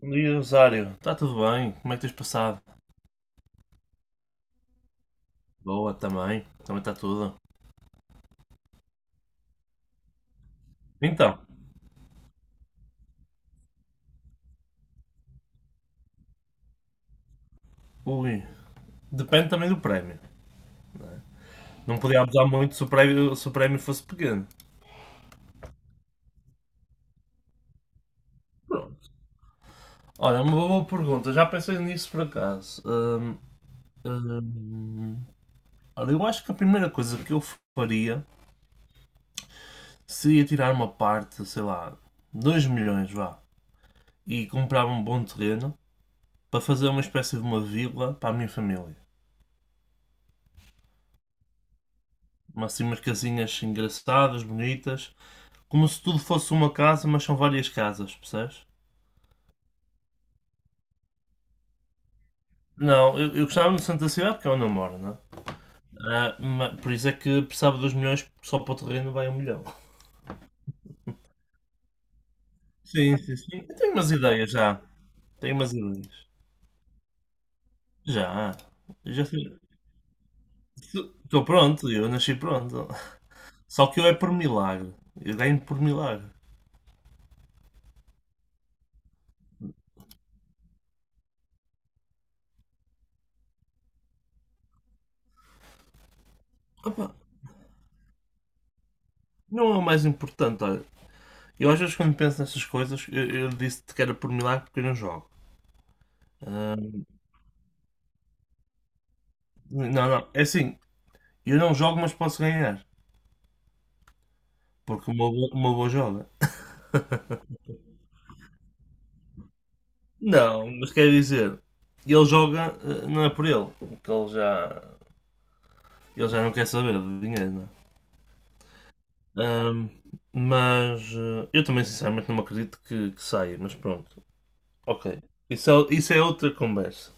Bom dia, Rosário. Está tudo bem? Como é que tens passado? Boa, também. Também está tudo. Então, ui, depende também do prémio. Não podia abusar muito se o prémio fosse pequeno. Pronto. Olha, uma boa pergunta. Já pensei nisso por acaso. Hum, olha, eu acho que a primeira coisa que eu faria seria tirar uma parte, sei lá, 2 milhões, vá, e comprar um bom terreno para fazer uma espécie de uma vila para a minha família. Umas, assim, umas casinhas engraçadas, bonitas, como se tudo fosse uma casa, mas são várias casas, percebes? Não, eu gostava no centro da cidade porque é onde eu moro, não é? Ah, por isso é que precisava dos milhões, só para o terreno vai 1 milhão. Sim, sim, sim. Eu tenho umas ideias já. Tenho umas ideias. Já. Eu já sei. Estou pronto, eu nasci pronto. Só que eu é por milagre. Eu ganho por milagre. Opa, não é o mais importante, olha. Eu às vezes quando penso nessas coisas, eu disse-te que era por milagre porque eu não jogo. Ah, não, não, é assim, eu não jogo, mas posso ganhar. Porque o Mobo joga. Não, mas quer dizer, ele joga, não é por ele. Porque ele já não quer saber de dinheiro, não é? Ahm, mas eu também sinceramente não me acredito que saia, mas pronto. Ok. Isso é outra conversa.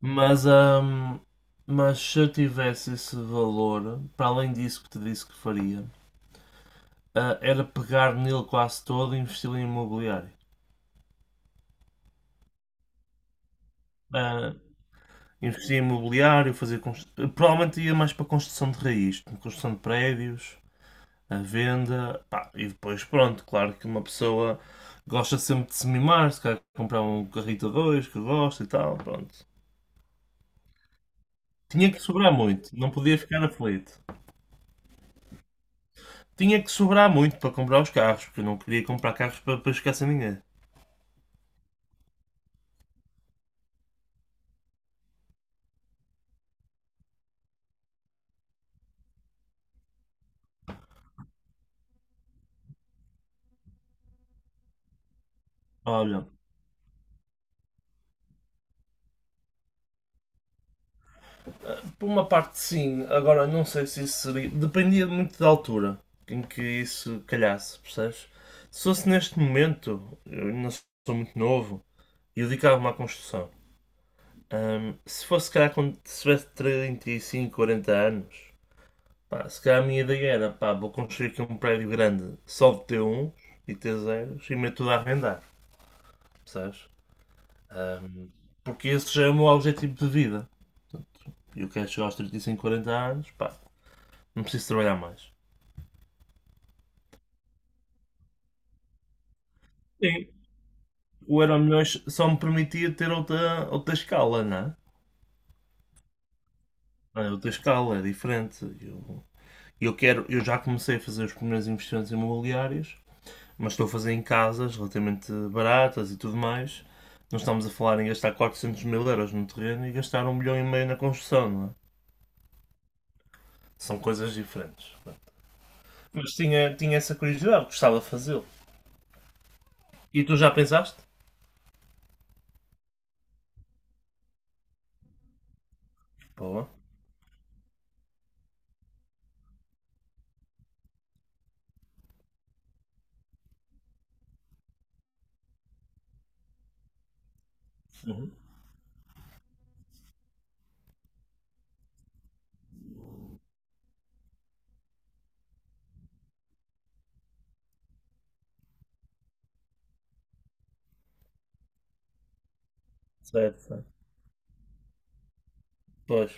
Mas, ahm, mas se eu tivesse esse valor, para além disso que te disse que faria, era pegar nele quase todo e investi-lo em imobiliário. Ah, investir em imobiliário, fazer constru... Provavelmente ia mais para construção de raiz, construção de prédios, a venda, pá, e depois pronto, claro que uma pessoa gosta sempre de se mimar, se quer comprar um carrito a dois que gosta e tal, pronto. Tinha que sobrar muito, não podia ficar aflito. Tinha que sobrar muito para comprar os carros, porque eu não queria comprar carros para ficar sem ninguém. Olha, por uma parte, sim. Agora, não sei se isso seria. Dependia muito da altura em que isso calhasse, percebes? Se fosse neste momento, eu ainda sou muito novo e eu dedicava-me à construção. Se fosse, se calhar, quando tivesse 35 40 anos, pá, se calhar a minha ideia era, pá, vou construir aqui um prédio grande só de T1 e T0 e meto tudo a arrendar, percebes? Ahm, porque esse já é o meu objetivo de vida. Eu quero chegar aos 35 40 anos, pá, não preciso trabalhar mais. Sim, o Euro Milhões só me permitia ter outra escala, não é? É outra escala, é diferente. Eu quero, eu já comecei a fazer os primeiros investimentos imobiliários, mas estou a fazer em casas relativamente baratas e tudo mais. Não estamos a falar em gastar 400 mil euros no terreno e gastar 1,5 milhão na construção, não é? São coisas diferentes. Mas tinha essa curiosidade, gostava de fazê-lo. E tu já pensaste? Pô, certo, certo. Pois.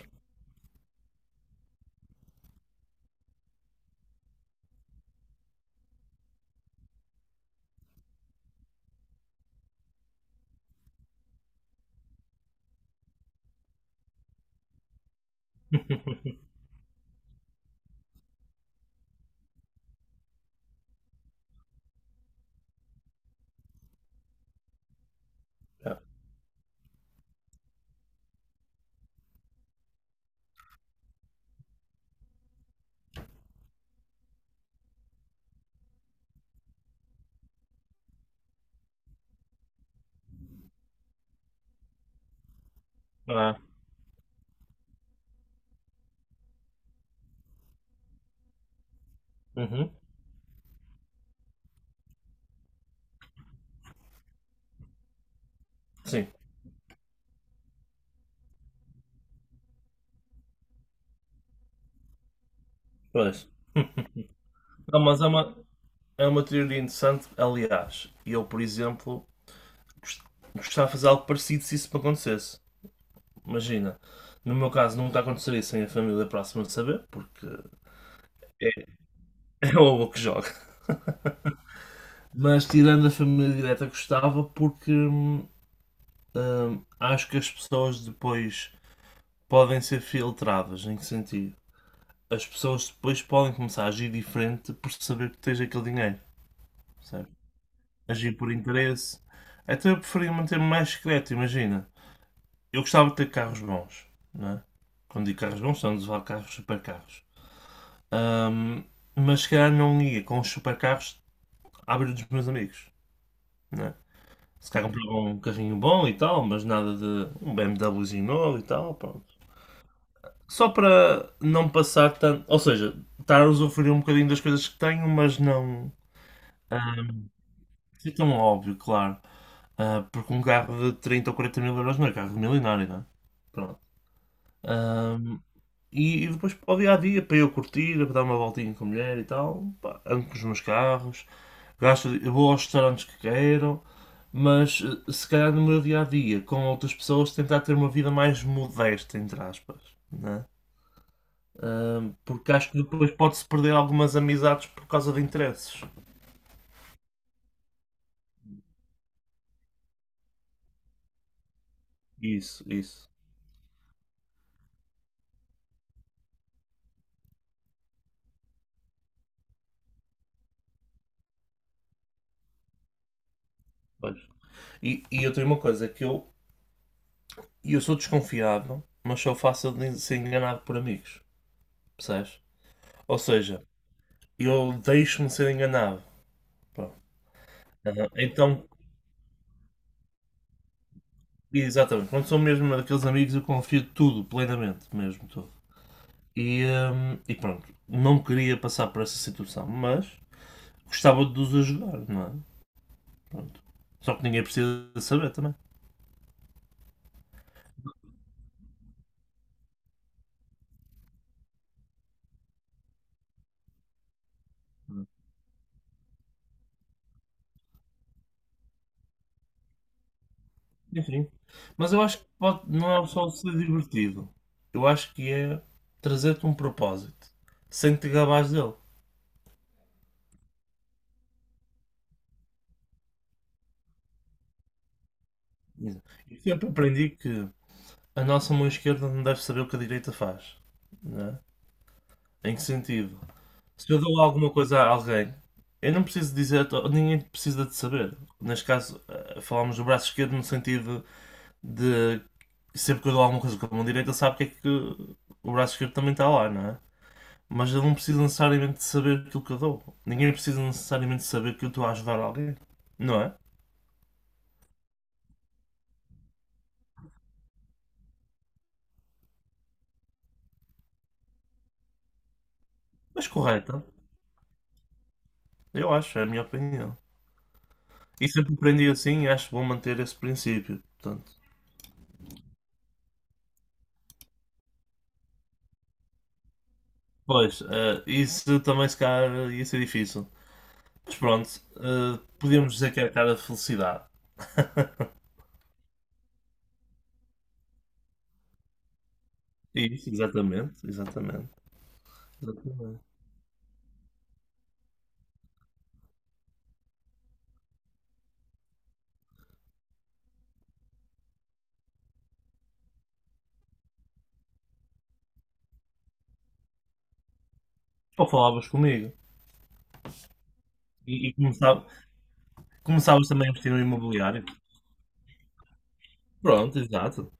Ah, uhum. Sim, pois. Não, mas é uma teoria interessante, aliás. E eu, por exemplo, gost- gostava de fazer algo parecido se isso me acontecesse. Imagina, no meu caso nunca aconteceria sem a família próxima de saber, porque é, é o avô que joga. Mas tirando a família direta, gostava porque acho que as pessoas depois podem ser filtradas. Em que sentido? As pessoas depois podem começar a agir diferente por saber que tens aquele dinheiro, percebes? Agir por interesse. Então eu preferia manter-me mais secreto, imagina. Eu gostava de ter carros bons, não é? Quando digo carros bons, são a levar carros supercarros. Ahm, mas se calhar não ia com os supercarros à beira dos meus amigos, não é? Se calhar comprava um carrinho bom e tal, mas nada de um BMWzinho novo e tal, pronto. Só para não passar tanto. Ou seja, estar a usufruir um bocadinho das coisas que tenho, mas não. Ah, que é tão óbvio, claro. Ah, porque um carro de 30 ou 40 mil euros não é carro milionário, não é? Pronto. E depois para o dia a dia, para eu curtir, para dar uma voltinha com a mulher e tal, pá, ando com os meus carros, gasto, vou aos restaurantes que quero, mas se calhar no meu dia a dia, com outras pessoas, tentar ter uma vida mais modesta, entre aspas, né? Porque acho que depois pode-se perder algumas amizades por causa de interesses. Isso, isso. Pois. E eu tenho uma coisa, é que eu, e eu sou desconfiado, mas sou fácil de ser enganado por amigos, percebes? Ou seja, eu deixo-me ser enganado. Pronto. Ah, então, exatamente, quando sou mesmo daqueles amigos, eu confio tudo, plenamente, mesmo tudo. E pronto, não queria passar por essa situação, mas gostava de os ajudar, não é? Pronto. Só que ninguém precisa de saber também. Enfim. Mas eu acho que não é só ser divertido. Eu acho que é trazer-te um propósito, sem te gabares dele. Exato. Eu sempre aprendi que a nossa mão esquerda não deve saber o que a direita faz, não é? Em que sentido? Se eu dou alguma coisa a alguém, eu não preciso dizer, ninguém precisa de saber. Neste caso, falámos do braço esquerdo no sentido de sempre que eu dou alguma coisa com a mão direita, ele sabe que é que o braço esquerdo também está lá, não é? Mas ele não precisa necessariamente de saber aquilo que eu dou. Ninguém precisa necessariamente de saber que eu estou a ajudar alguém, não é? Mas correta, eu acho, é a minha opinião. E sempre aprendi assim e acho bom manter esse princípio, portanto. Pois, isso também se calhar ia ser difícil. Mas pronto, podíamos dizer que é a cara de felicidade. Isso, exatamente, exatamente. Exatamente. Ou falavas comigo. E começavas também a investir no imobiliário. Pronto, exato.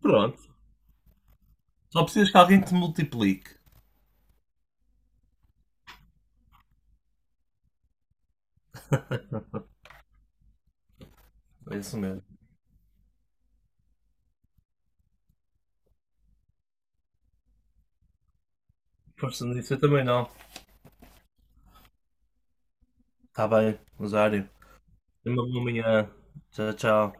Pronto. Só precisas que alguém te multiplique. É isso mesmo. Força nisso, eu também não. Está bem, Rosário. Tenha uma boa manhã. Tchau, tchau.